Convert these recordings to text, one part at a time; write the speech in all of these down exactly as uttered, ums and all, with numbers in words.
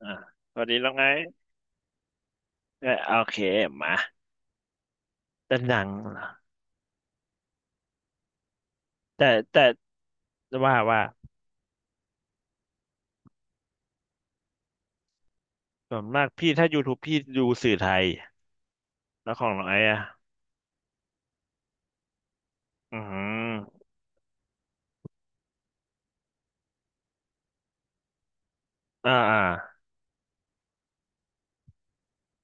อ่าพอดีแล้วไงเออโอเคมาแต่หนังเหรอแต่แต่ว่าว่าส่วนมากพี่ถ้า YouTube พี่ดูสื่อไทยแล้วของน้องไอ้อะอืมอ่าอ่า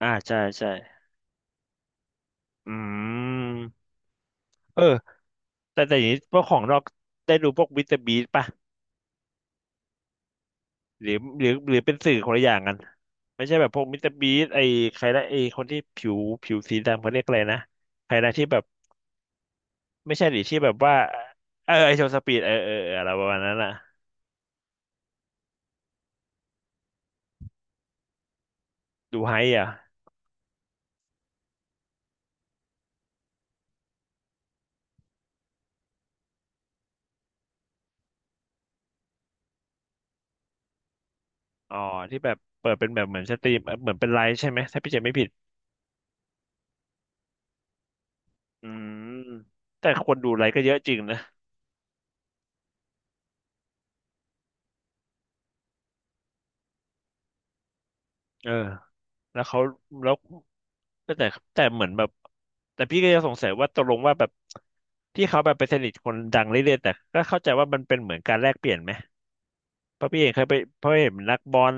อ่าใช่ใช่อืมเออแต่แต่อย่างนี้พวกของนอกได้ดูพวกมิสเตอร์บีสป่ะหรือหรือหรือเป็นสื่อคนละอย่างกันไม่ใช่แบบพวกมิสเตอร์บีสไอ้ใครนะไอ้คนที่ผิวผิวสีดำเขาเรียกอะไรนะใครนะที่แบบไม่ใช่หรที่แบบว่าเออไอโชว์สปีดเออเออเอออะไรประมาณนั้นอ่ะดูไฮอ่ะ อ๋อที่แบบเปิดเป็นแบบเหมือนสตรีมเอ่อเหมือนเป็นไลฟ์ใช่ไหมถ้าพี่เจไม่ผิดอืมแต่คนดูไลฟ์ก็เยอะจริงนะเออแล้วเขาแล้วแต่แต่เหมือนแบบแต่พี่ก็ยังสงสัยว่าตกลงว่าแบบที่เขาแบบไปสนิทคนดังเรื่อยๆแต่ก็เข้าใจว่ามันเป็นเหมือนการแลกเปลี่ยนไหมเพราะพี่เองเคยไปเพราะเห็นนักบอล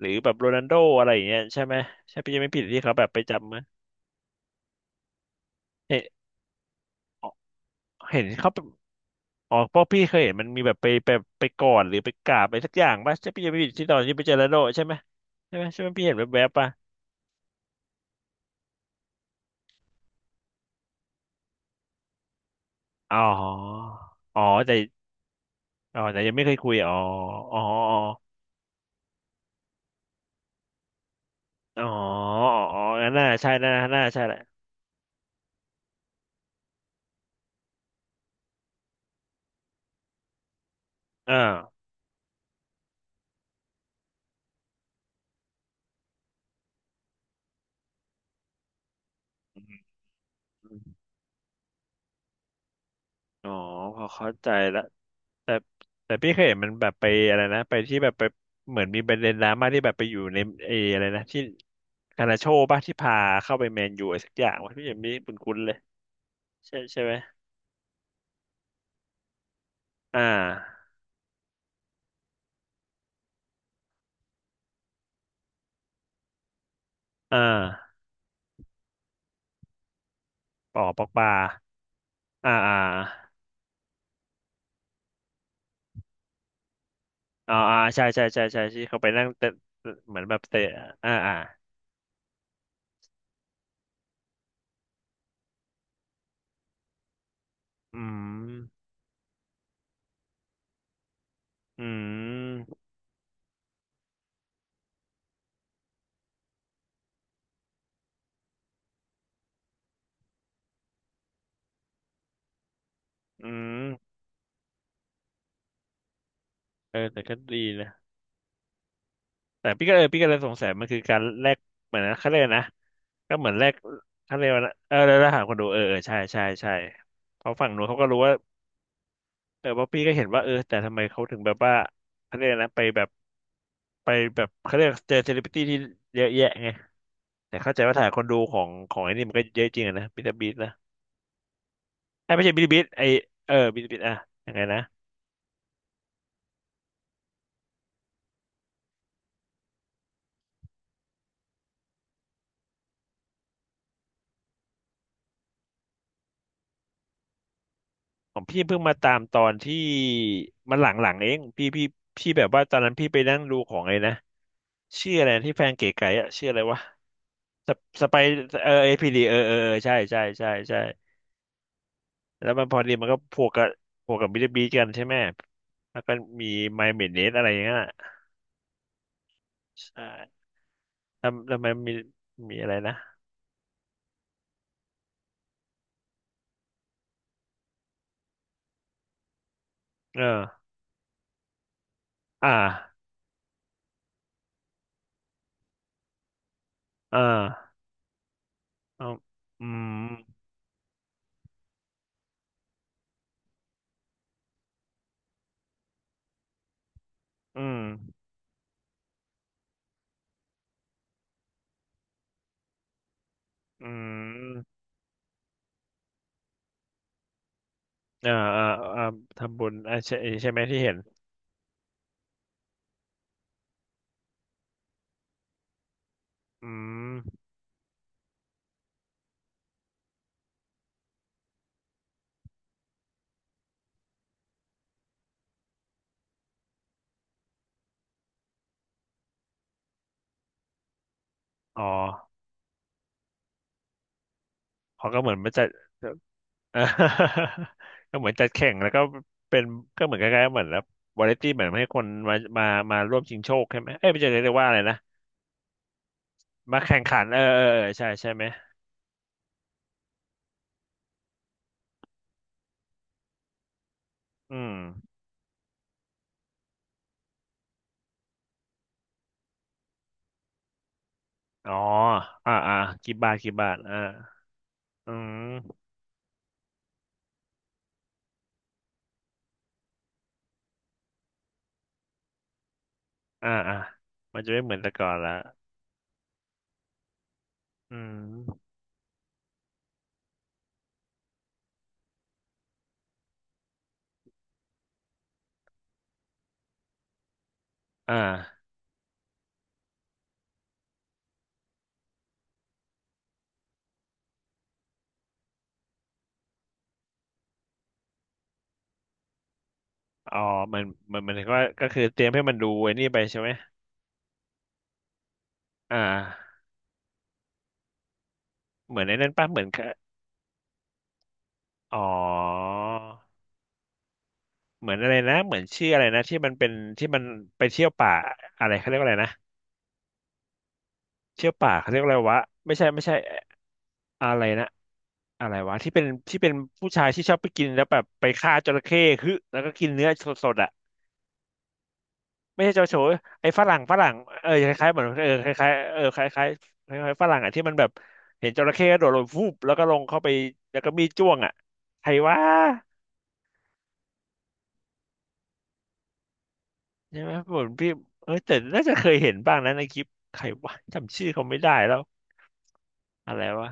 หรือแบบโรนัลโดอะไรอย่างเงี้ยใช่ไหมใช่พี่เจไม่ผิดที่เขาแบบไปจำไหมเห็นเห็นเขา อ๋อเพราะพี่เคยเห็นมันมีแบบไปไปไปกอดหรือไปกราบอะไรสักอย่างป่ะใช่พี่จะไม่ผิดที่ตอนที่ไปเจอแล้วโดใช่ไหมใช่ไหมใช่ไหมพี่เห็นแวบๆป่ะอ๋ออ๋อแต่อ๋อแต่ยังไม่เคยคุยอ๋ออ๋ออ๋ออ๋องั้นน่าใช่น่าน่าใช่แหละอ่าอมอืมอ๋อพอเข้าใจละแต่แต่พี่เคยเห็นมันแบบไปอะไรนะไปที่แบบไปเหมือนมีประเด็นดราม่าที่แบบไปอยู่ในเอออะไรนะที่คานาโชว์ป่ะที่พาเข้าไปแมนยูอะไรสักอย่างวะพี่เห็นมีคุ้นๆเลยใช่ใช่ไหม อ่าอ่าปอปอกปลาอ่าอ่าอ่าอ่าใช่ใช่ใช่ใช่ใช่ที่เขาไปนั่งเตะเหมือนแบบเตะอ่าอ่าอืมอืมอืมเออแต่ก็ดีนะแต่พี่ก็เออพี่ก็เลยสงสัยมันคือการแลกเหมือนนะเขาเรียกนะก็เหมือนแลกเขาเรียกว่านะเออแล้วแล้วหาคนดูเออเออใช่ใช่ใช่เพราะฝั่งนู้นเขาก็รู้ว่าเออเพราะพี่ก็เห็นว่าเออแต่ทำไมเขาถึงแบบว่าเขาเรียกนะไปแบบไปแบบเขาเรียกเจอเซเลบริตี้ที่เยอะแยะไง แต่เข้าใจว่าฐานคนดูของของไอ้นี่มันก็เยอะจริงอะนะบิตาบิตนะไอ้ยไม่ใช่บิตาบิตไอเออบิตาบิตอะยังไงนะของพี่เพิ่งมาตามตอนที่มันหลังๆเองพี่พี่พี่แบบว่าตอนนั้นพี่ไปนั่งดูของไอ้นะชื่ออะไรนะที่แฟนเก๋ไก๋อะชื่ออะไรวะสปสไปเออเอพีดีเออเออเออใช่ใช่ใช่ใช่แล้วมันพอดีมันก็พวกกับพวกกับบิตบิตกันใช่ไหมแล้วก็มีไมเมเนสอะไรอย่างเงี้ยใช่แล้วแล้วมันมีมีอะไรนะเอออ่าอ่า เอาอืมอืมอืมอ่าอ่าอ่าทำบุญอ่าใช่ใช่ไหมที่เห็นอืมอ๋อเขาก็เหมือนมาจัด อ่า ก็เหมือนจัดแข่งแล้วก็เป็นก็เหมือนคล้ายๆเหมือนแล้ววาไรตี้เหมือนให้คนมามามาร่วมชิงโชคใช่ไหมเอ้ยไม่ใช่เรียกว่าอะไรนะมาแข่งขันเออเออเออใช่ใช่ไหมอืมอ๋ออ่าอ่ากี่บาทกี่บาทอ่าอืมอ่าอ่ามันจะไม่เหมือนแต่ก่อนละอืมอ่า อ๋อเหมือนเหมือนเหมือนก็ก็คือเตรียมให้มันดูไอ้นี่ไปใช่ไหมอ่าเหมือนไอ้นั่นป่ะเหมือนกบอ๋อเหมือนอะไรนะเหมือนชื่ออะไรนะที่มันเป็นที่มันไปเที่ยวป่าอะไรเขาเรียกว่าอะไรนะเที่ยวป่าเขาเรียกว่าอะไรวะไม่ใช่ไม่ใช่ออะไรนะอะไรวะที่เป็นที่เป็นผู้ชายที่ชอบไปกินแล้วแบบไปฆ่าจระเข้ฮึแล้วก็กินเนื้อสดๆอ่ะ ไม่ใช่เจ้าชูไอ้ฝรั่งฝรั่งเออคล้ายๆเหมือนเออคล้ายๆเออคล้ายๆคล้ายๆฝรั่งอ่ะที่มันแบบเห็นจระเข้กระโดดลงฟูบแล้วก็ลงเข้าไปแล้วก็มีดจ้วงอ่ะใครวะใช่ไหมผมพี่เออแต่น่าจะเคยเห็นบ้างนะในคลิปใครวะจำชื่อเขาไม่ได้แล้วอะไรวะ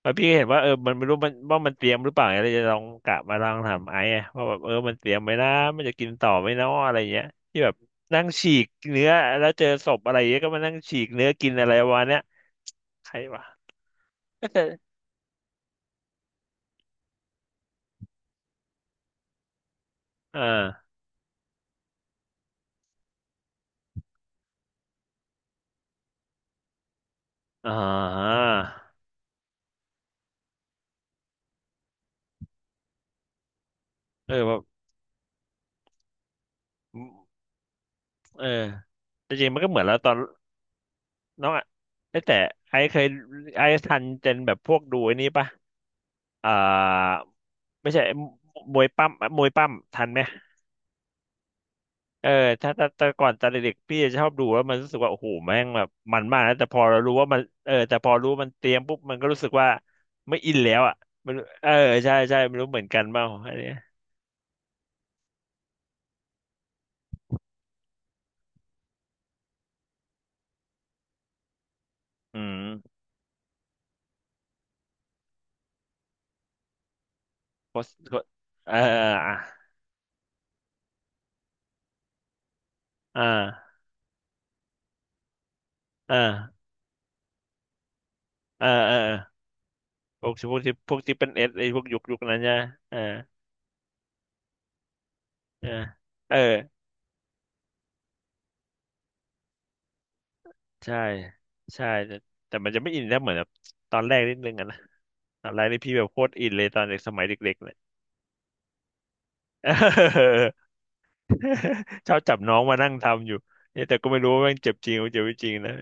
แล้วพี่ก็เห็นว่าเออมันไม่รู้มันว่ามันเตรียมหรือเปล่าอะไรจะลองกะมาลองถามไอ้อะว่าแบบเออมันเตรียมไหมนะมันจะกินต่อไหมเนาะอะไรเงี้ยที่แบบนั่งฉีกเนื้อแล้วเจอศพอะไรเงี้ยก็มานั่งฉีกเนื้อกินอะไรวะเนี้ยใครวะ อ่าอ่าเออแบบเออแต่จริงมันก็เหมือนแล้วตอนน้องอ่ะเอ้ยแต่ไอซ์เคยไอซ์ทันเจนแบบพวกดูไอ้นี้ปะอ่าไม่ใช่ มวยปั้มมวยปั้มทันไหม เออถ้าถ้าแต่ก่อนตอนเด็กๆพี่จะชอบดูแล้วมันรู้สึกว่าโอ้โหแม่งแบบมันมากนะ แต่พอเรารู้ว่ามันเออแต่พอรู้ว่ามันเตรียมปุ๊บ มันก็รู้สึกว่าไม่อินแล้วอ่ะมนเออใช่ใช่ไม่รู้เหมือนกันเปล่าอันเนี้ยอืมโพสต์เอออ่ะอ่าอ่า เออเออเพวกพวกที่พวกที่เป็นเอสไอพวกยุคยุคนั้นใช่ไหมเออเออเออใช่ใช่แต่แต่มันจะไม่อินได้เหมือนแบบตอนแรกนิดนึงอะนะตอนแรกนี่พี่แบบโคตรอินเลยตอนเด็กสมัยเด็กๆเลย เออชอบจับน้องมานั่งทำอยู่เนี่ยแต่ก็ไม่รู้ว่าแม่งเจ็บจริงหรือเจ็บไม่จริงนะ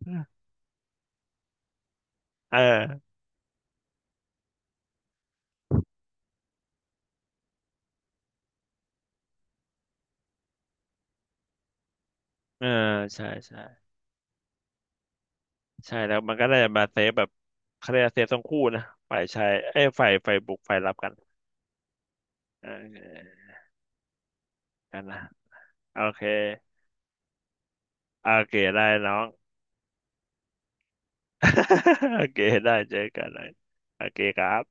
เออเออใช่ใช่ใช่แล้วมันก็ได้มาเซฟแบบเขาเรียกว่าเซฟทั้งคู่นะฝ่ายชายเอ้ยฝ่ายฝ่ายบุกฝ่ายรับกันเออกันนะโอเค โอเคได้น้อง โอเคได้เจอกันนะโอเคครับ